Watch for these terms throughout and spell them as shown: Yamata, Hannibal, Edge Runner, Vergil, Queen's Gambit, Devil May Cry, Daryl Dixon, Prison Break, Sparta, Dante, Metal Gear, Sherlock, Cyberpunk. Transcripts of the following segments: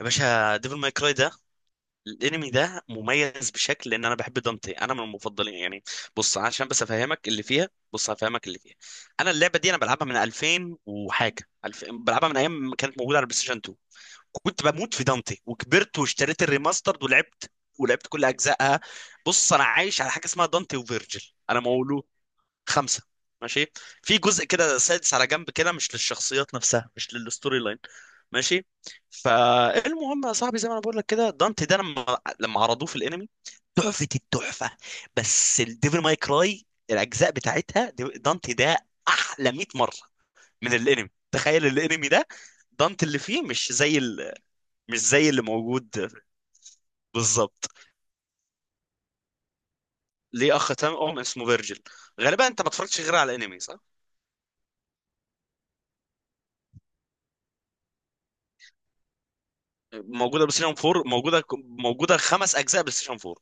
يا باشا ديفل ماي كراي ده. الانمي ده مميز بشكل لان انا بحب دانتي، انا من المفضلين يعني. بص عشان بس افهمك اللي فيها، بص هفهمك اللي فيها. انا اللعبه دي انا بلعبها من 2000 وحاجه، 2000 بلعبها من ايام ما كانت موجوده على البلاي ستيشن 2. كنت بموت في دانتي، وكبرت واشتريت الريماسترد ولعبت، ولعبت كل اجزائها. بص انا عايش على حاجه اسمها دانتي وفيرجل. انا مولود. خمسة. ماشي. في جزء كده سادس على جنب كده مش للشخصيات نفسها، مش للستوري لاين. ماشي. فالمهم يا صاحبي، زي ما انا بقول لك كده، دانتي ده لما عرضوه في الانمي، تحفة التحفة. بس الديفل ماي كراي الاجزاء بتاعتها دانتي ده احلى 100 مرة من الانمي. تخيل الانمي ده دانتي اللي فيه مش زي اللي موجود. بالظبط. ليه اخ تام، اسمه فيرجل. غالبا انت ما اتفرجتش غير على الانمي، صح؟ موجوده بلاي ستيشن 4، موجوده، موجوده خمس اجزاء بلاي ستيشن 4.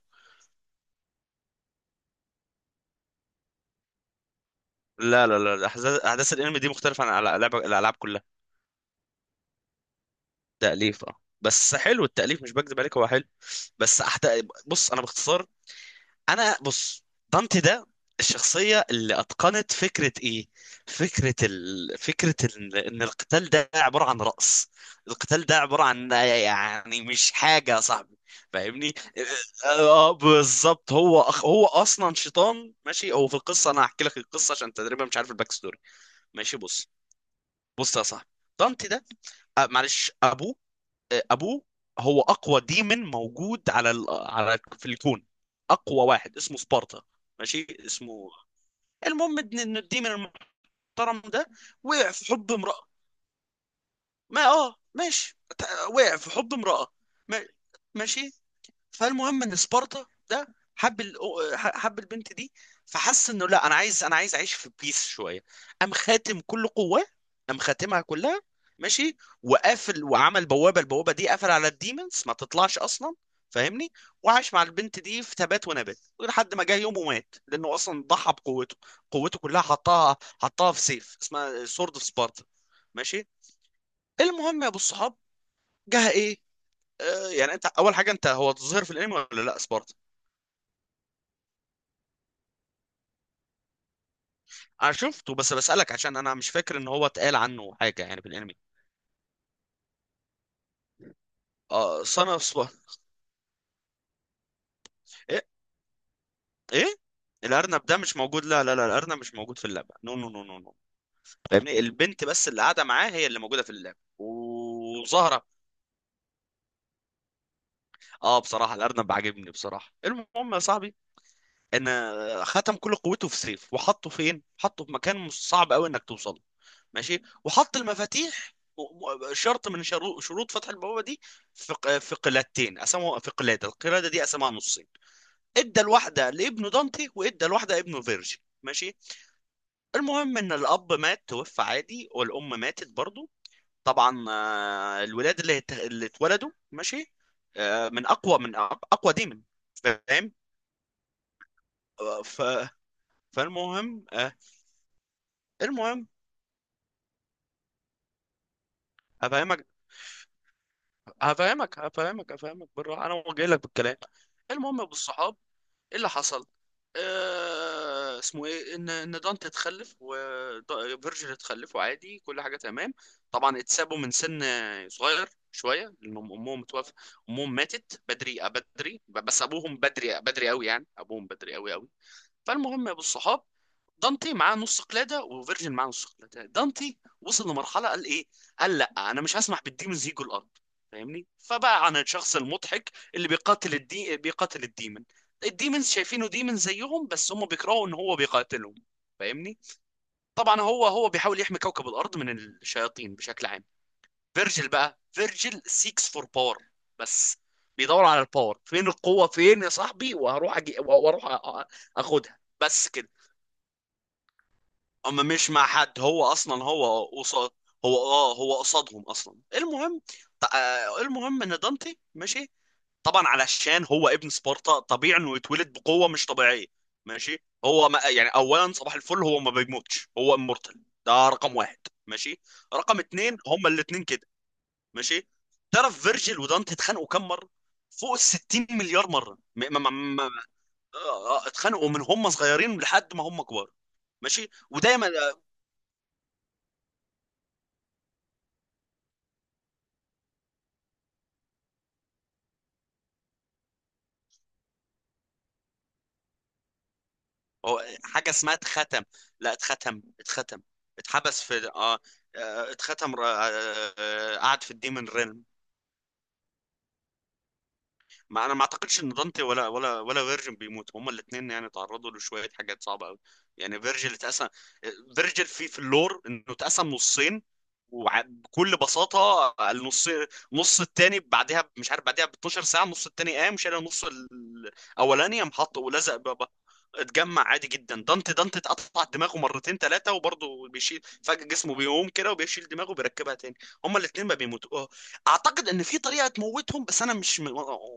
لا احداث، أحداث الانمي دي مختلفه عن العاب، الالعاب كلها. تاليف، اه، بس حلو التاليف، مش بكذب عليك هو حلو. بس أحت... بص انا باختصار. انا بص. دانتي ده الشخصية اللي اتقنت فكرة ايه؟ ان القتال ده عبارة عن رقص. القتال ده عبارة عن، يعني مش حاجة يا صاحبي. فاهمني. اه. بالظبط. هو اصلا شيطان، ماشي. هو في القصة، انا هحكي لك القصة عشان تقريبا مش عارف الباك ستوري. ماشي بص. بص يا صاحبي، دانتي ده، معلش، ابوه، ابوه هو اقوى ديمن موجود على، في الكون. اقوى واحد، اسمه سبارتا. ماشي اسمه. المهم ان الديمن المحترم ده وقع في حب امرأة. ما اه ماشي تع- وقع في حب امرأة. ما... ماشي. فالمهم ان سبارتا ده حب حب البنت دي، فحس انه لا، انا عايز اعيش في بيس شويه. قام خاتم كل قواه، قام خاتمها كلها. ماشي. وقافل وعمل بوابه، البوابه دي قفل على الديمونز ما تطلعش اصلا. فاهمني. وعاش مع البنت دي في تبات ونبات لحد ما جه يوم ومات، لانه اصلا ضحى بقوته. قوته كلها حطها، حطها في سيف اسمها سورد اوف سبارتا. ماشي. المهم يا ابو الصحاب، جه ايه؟ آه يعني انت اول حاجه، انت هو تظهر في الانمي ولا لا، سبارتا؟ انا شفته بس بسألك عشان انا مش فاكر ان هو اتقال عنه حاجة يعني بالانمي. اه صنع صبح. ايه. ايه. الارنب ده مش موجود، لا الارنب مش موجود في اللعبة، نو. فاهمني، البنت بس اللي قاعدة معاه هي اللي موجودة في اللعبة، وزهرة. اه بصراحة الارنب عاجبني بصراحة. المهم يا صاحبي، ان ختم كل قوته في سيف وحطه فين، حطه في مكان مش صعب قوي انك توصل. ماشي. وحط المفاتيح شرط من شروط فتح البوابه دي في في قلادتين، قسموا في قلاده، القلاده دي قسمها نصين. ادى الواحده لابنه دانتي وادى الواحده لابنه فيرجي. ماشي. المهم ان الاب مات، توفى عادي، والام ماتت برضو طبعا. الولاد اللي اللي اتولدوا، ماشي، من اقوى، اقوى ديمن. فاهم. آه، ف فالمهم المهم. هفهمك هفهمك بالراحه، انا جاي لك بالكلام. المهم يا ابو الصحاب، ايه اللي حصل؟ آه اسمه ايه، ان دانت اتخلف، وفيرجل اتخلف، وعادي كل حاجه تمام. طبعا اتسابوا من سن صغير شويه لأن امهم متوفى. امهم ماتت بدري، بدري، بس ابوهم بدري، بدري قوي يعني، ابوهم بدري قوي قوي. فالمهم يا ابو الصحاب، دانتي معاه نص قلاده وفيرجن معاه نص قلاده. دانتي وصل لمرحله قال ايه، قال لا، انا مش هسمح بالديمونز يجوا الارض. فاهمني، فبقى عن الشخص المضحك اللي بيقاتل الديمن. الديمونز شايفينه ديمن زيهم، بس هم بيكرهوا ان هو بيقاتلهم. فاهمني. طبعا هو بيحاول يحمي كوكب الارض من الشياطين بشكل عام. فيرجل بقى، فيرجل سيكس فور باور. بس بيدور على الباور، فين القوه فين يا صاحبي، وهروح أجي... واروح أ- أ- اخدها بس كده. اما مش مع حد، هو اصلا هو قصاد. هو قصادهم اصلا. المهم المهم ان دانتي، ماشي، طبعا علشان هو ابن سبارتا طبيعي انه يتولد بقوه مش طبيعيه. ماشي. هو ما يعني اولا صباح الفل، هو ما بيموتش، هو امورتال. ده رقم واحد. ماشي. رقم اتنين، هما الاتنين كده. ماشي. تعرف فيرجيل ودانتي اتخانقوا كام مره؟ فوق ال 60 مليار مره. م- م- اتخانقوا من هم صغيرين لحد ما هم كبار. ماشي. ودايما. هو حاجه اسمها اتختم. لا اتختم. اتحبس في، اه، اتختم، قعد في الديمن ريلم. ما انا ما اعتقدش ان دانتي ولا فيرجن بيموت. هما الاثنين يعني تعرضوا لشويه حاجات صعبه قوي. يعني فيرجل اتقسم، فيرجل في اللور انه اتقسم نصين. وبكل بساطه النص، نص التاني بعدها مش عارف بعدها ب 12 ساعه النص التاني قام شال النص الاولاني، قام حطه ولزق بابا. اتجمع عادي جدا. دانتي اتقطع دماغه مرتين ثلاثه وبرضه بيشيل، فجأة جسمه بيقوم كده وبيشيل دماغه وبيركبها تاني. هما الاثنين ما بيموتوا. اعتقد ان في طريقه تموتهم بس انا مش م-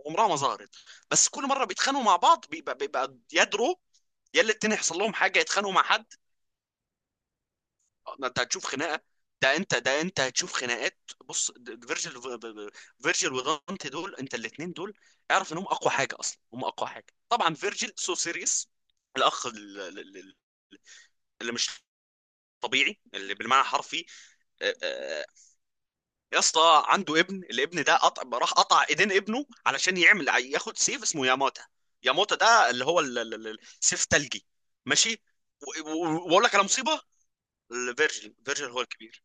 عمرها ما ظهرت. بس كل مره بيتخانقوا مع بعض بيبقى يدروا، يا اللي التاني يحصل لهم حاجه، يتخانقوا مع حد. ده انت هتشوف خناقه. ده انت هتشوف خناقات. بص فيرجيل، فيرجيل ودانتي دول، انت الاثنين دول اعرف انهم اقوى حاجه اصلا، هم اقوى حاجه طبعا. فيرجيل سو سيريس، الاخ اللي مش طبيعي، اللي بالمعنى حرفي. يا اسطى عنده ابن، الابن ده قطع، راح قطع ايدين ابنه علشان يعمل، ياخد سيف اسمه ياماتا. ياماتا ده اللي هو سيف تلجي. ماشي. و- و- واقول لك على مصيبه. فيرجل هو الكبير.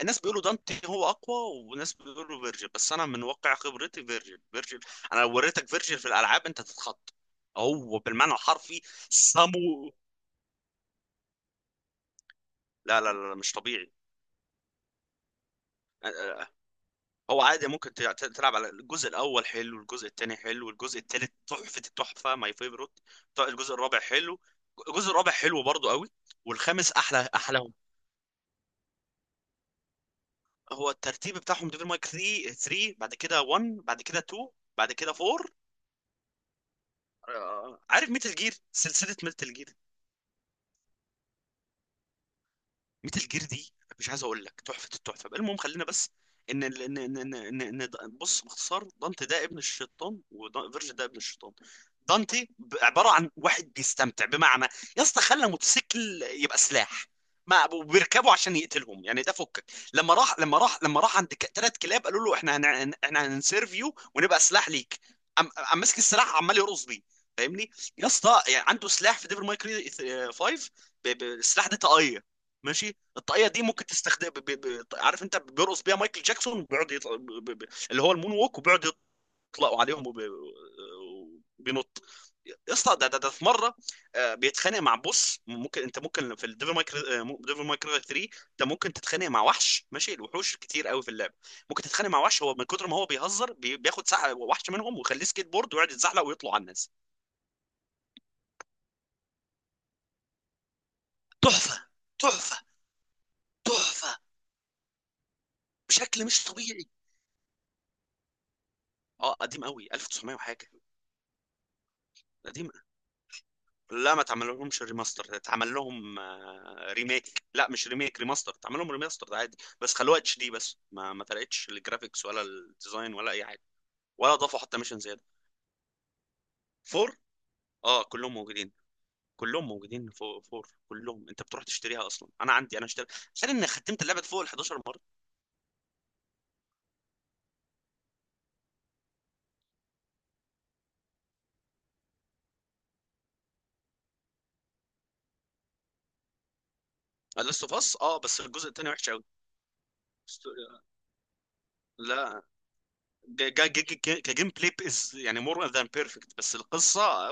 الناس بيقولوا دانتي هو اقوى، وناس بيقولوا فيرجل، بس انا من واقع خبرتي فيرجل، فيرجل. انا لو وريتك فيرجل في الالعاب انت تتخض، هو بالمعنى الحرفي. سامو، لا، مش طبيعي. هو عادي، ممكن تلعب على الجزء الاول، حلو. الجزء الثاني حلو. الجزء الثالث تحفه التحفه، ماي فيفورت. الجزء الرابع حلو، الجزء الرابع حلو برضو قوي. والخامس احلى احلاهم. هو الترتيب بتاعهم ديفل مايك 3، 3 بعد كده 1، بعد كده 2، بعد كده 4. عارف ميتال جير، سلسله ميتال جير، ميتال جير دي مش عايز اقول لك تحفه التحفه. بقى المهم خلينا بس، ان ان ان ان, إن, إن د- بص باختصار، دانتي ده ابن الشيطان، وفيرجن ده ابن الشيطان. دانتي عباره عن واحد بيستمتع بمعنى، يا اسطى خلى موتوسيكل يبقى سلاح ما بيركبوا عشان يقتلهم يعني. ده فكك. لما راح عند ثلاث كلاب قالوا له احنا احنا هنسيرفيو ونبقى سلاح ليك. قام ماسك السلاح عمال يرقص بيه. فاهمني. يا اسطى يعني عنده سلاح في ديفل ماي كراي 5، السلاح ده طاقيه. ماشي. الطاقيه دي ممكن تستخدم، عارف انت بيرقص بيها مايكل جاكسون بيقعد يطلع، اللي هو المون ووك، وبيقعد يطلقوا عليهم، وبينط. يا اسطى، ده في مره بيتخانق مع بوس، ممكن انت ممكن في الديفل مايك، ديفل مايك 3 انت ممكن تتخانق مع وحش، ماشي الوحوش كتير قوي في اللعبه، ممكن تتخانق مع وحش هو من كتر ما هو بيهزر بياخد ساعه وحش منهم ويخليه سكيت بورد ويقعد يتزحلق ويطلع على الناس. تحفه. تحفه. تحفه بشكل مش طبيعي. اه قديم قوي، 1900 وحاجه. قديم. لا ما تعمل لهمش ريماستر، اتعمل لهم ريميك، لا مش ريميك، ريماستر، اتعمل لهم ريماستر ده عادي، بس خلوها اتش دي بس، ما فرقتش الجرافيكس ولا الديزاين ولا اي حاجه، ولا اضافوا حتى ميشن زياده. فور، اه كلهم موجودين. كلهم موجودين فور, فور. كلهم انت بتروح تشتريها اصلا، انا عندي، انا اشتري. تخيل اني ختمت اللعبه فوق ال 11 مره. لاست اوف اس، اه بس الجزء الثاني وحش قوي. لا، كجيم بلاي is يعني مور ذان بيرفكت، بس القصه.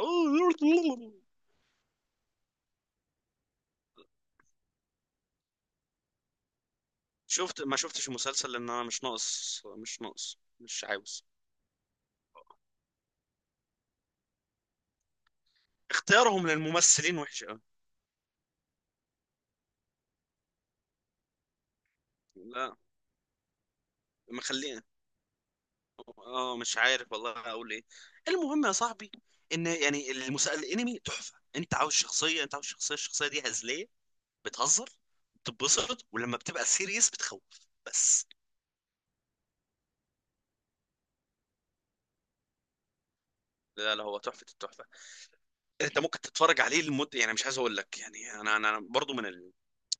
شفت، ما شفتش المسلسل لان انا مش ناقص مش عاوز. اختيارهم للممثلين وحش قوي. لا مخليه، اه مش عارف والله اقول ايه. المهم يا صاحبي، ان يعني المسلسل، الانمي تحفه، انت عاوز شخصيه، انت عاوز شخصيه الشخصيه دي هزليه، بتهزر، بتتبسط، ولما بتبقى سيريس بتخوف. بس. لا هو تحفه التحفه. انت ممكن تتفرج عليه لمده يعني، مش عايز اقول لك يعني. انا برضو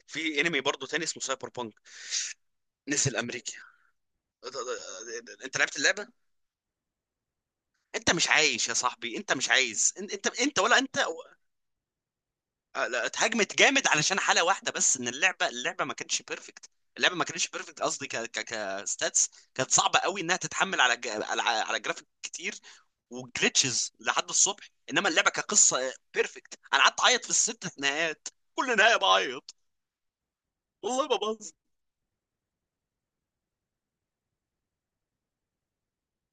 في انمي برضو تاني اسمه سايبر بانك، نزل امريكا. انت لعبت اللعبه؟ انت مش عايش يا صاحبي، انت مش عايز، انت ولا انت. لا، اتهاجمت جامد علشان حالة واحدة بس، ان اللعبة، اللعبة ما كانتش بيرفكت. اللعبة ما كانتش بيرفكت قصدي، ك ك كستاتس كانت صعبة قوي انها تتحمل على على جرافيك كتير، وجلitches لحد الصبح. انما اللعبة كقصة بيرفكت، انا قعدت اعيط في الست نهايات، كل نهاية بعيط. والله ما بهزر.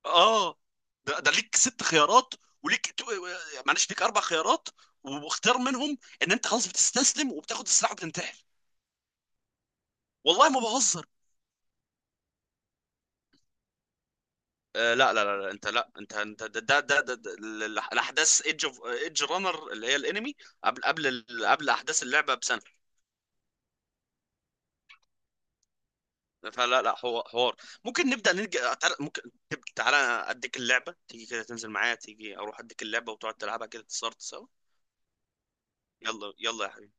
اه ده, ده ليك ست خيارات، وليك تو- معلش ليك اربع خيارات، واختار منهم ان انت خلاص بتستسلم وبتاخد السلاح وبتنتحر. والله ما بهزر. آه لا، انت ده الاحداث ايدج اوف ايدج رانر اللي هي الانمي قبل، قبل احداث اللعبه بسنه. فلا لا هو حوار، ممكن نبدا نج... تعال- ممكن تب- تعالى اديك اللعبه، تيجي كده تنزل معايا تيجي، اروح اديك اللعبه وتقعد تلعبها كده تصارت سوا. يلا يا حبيبي.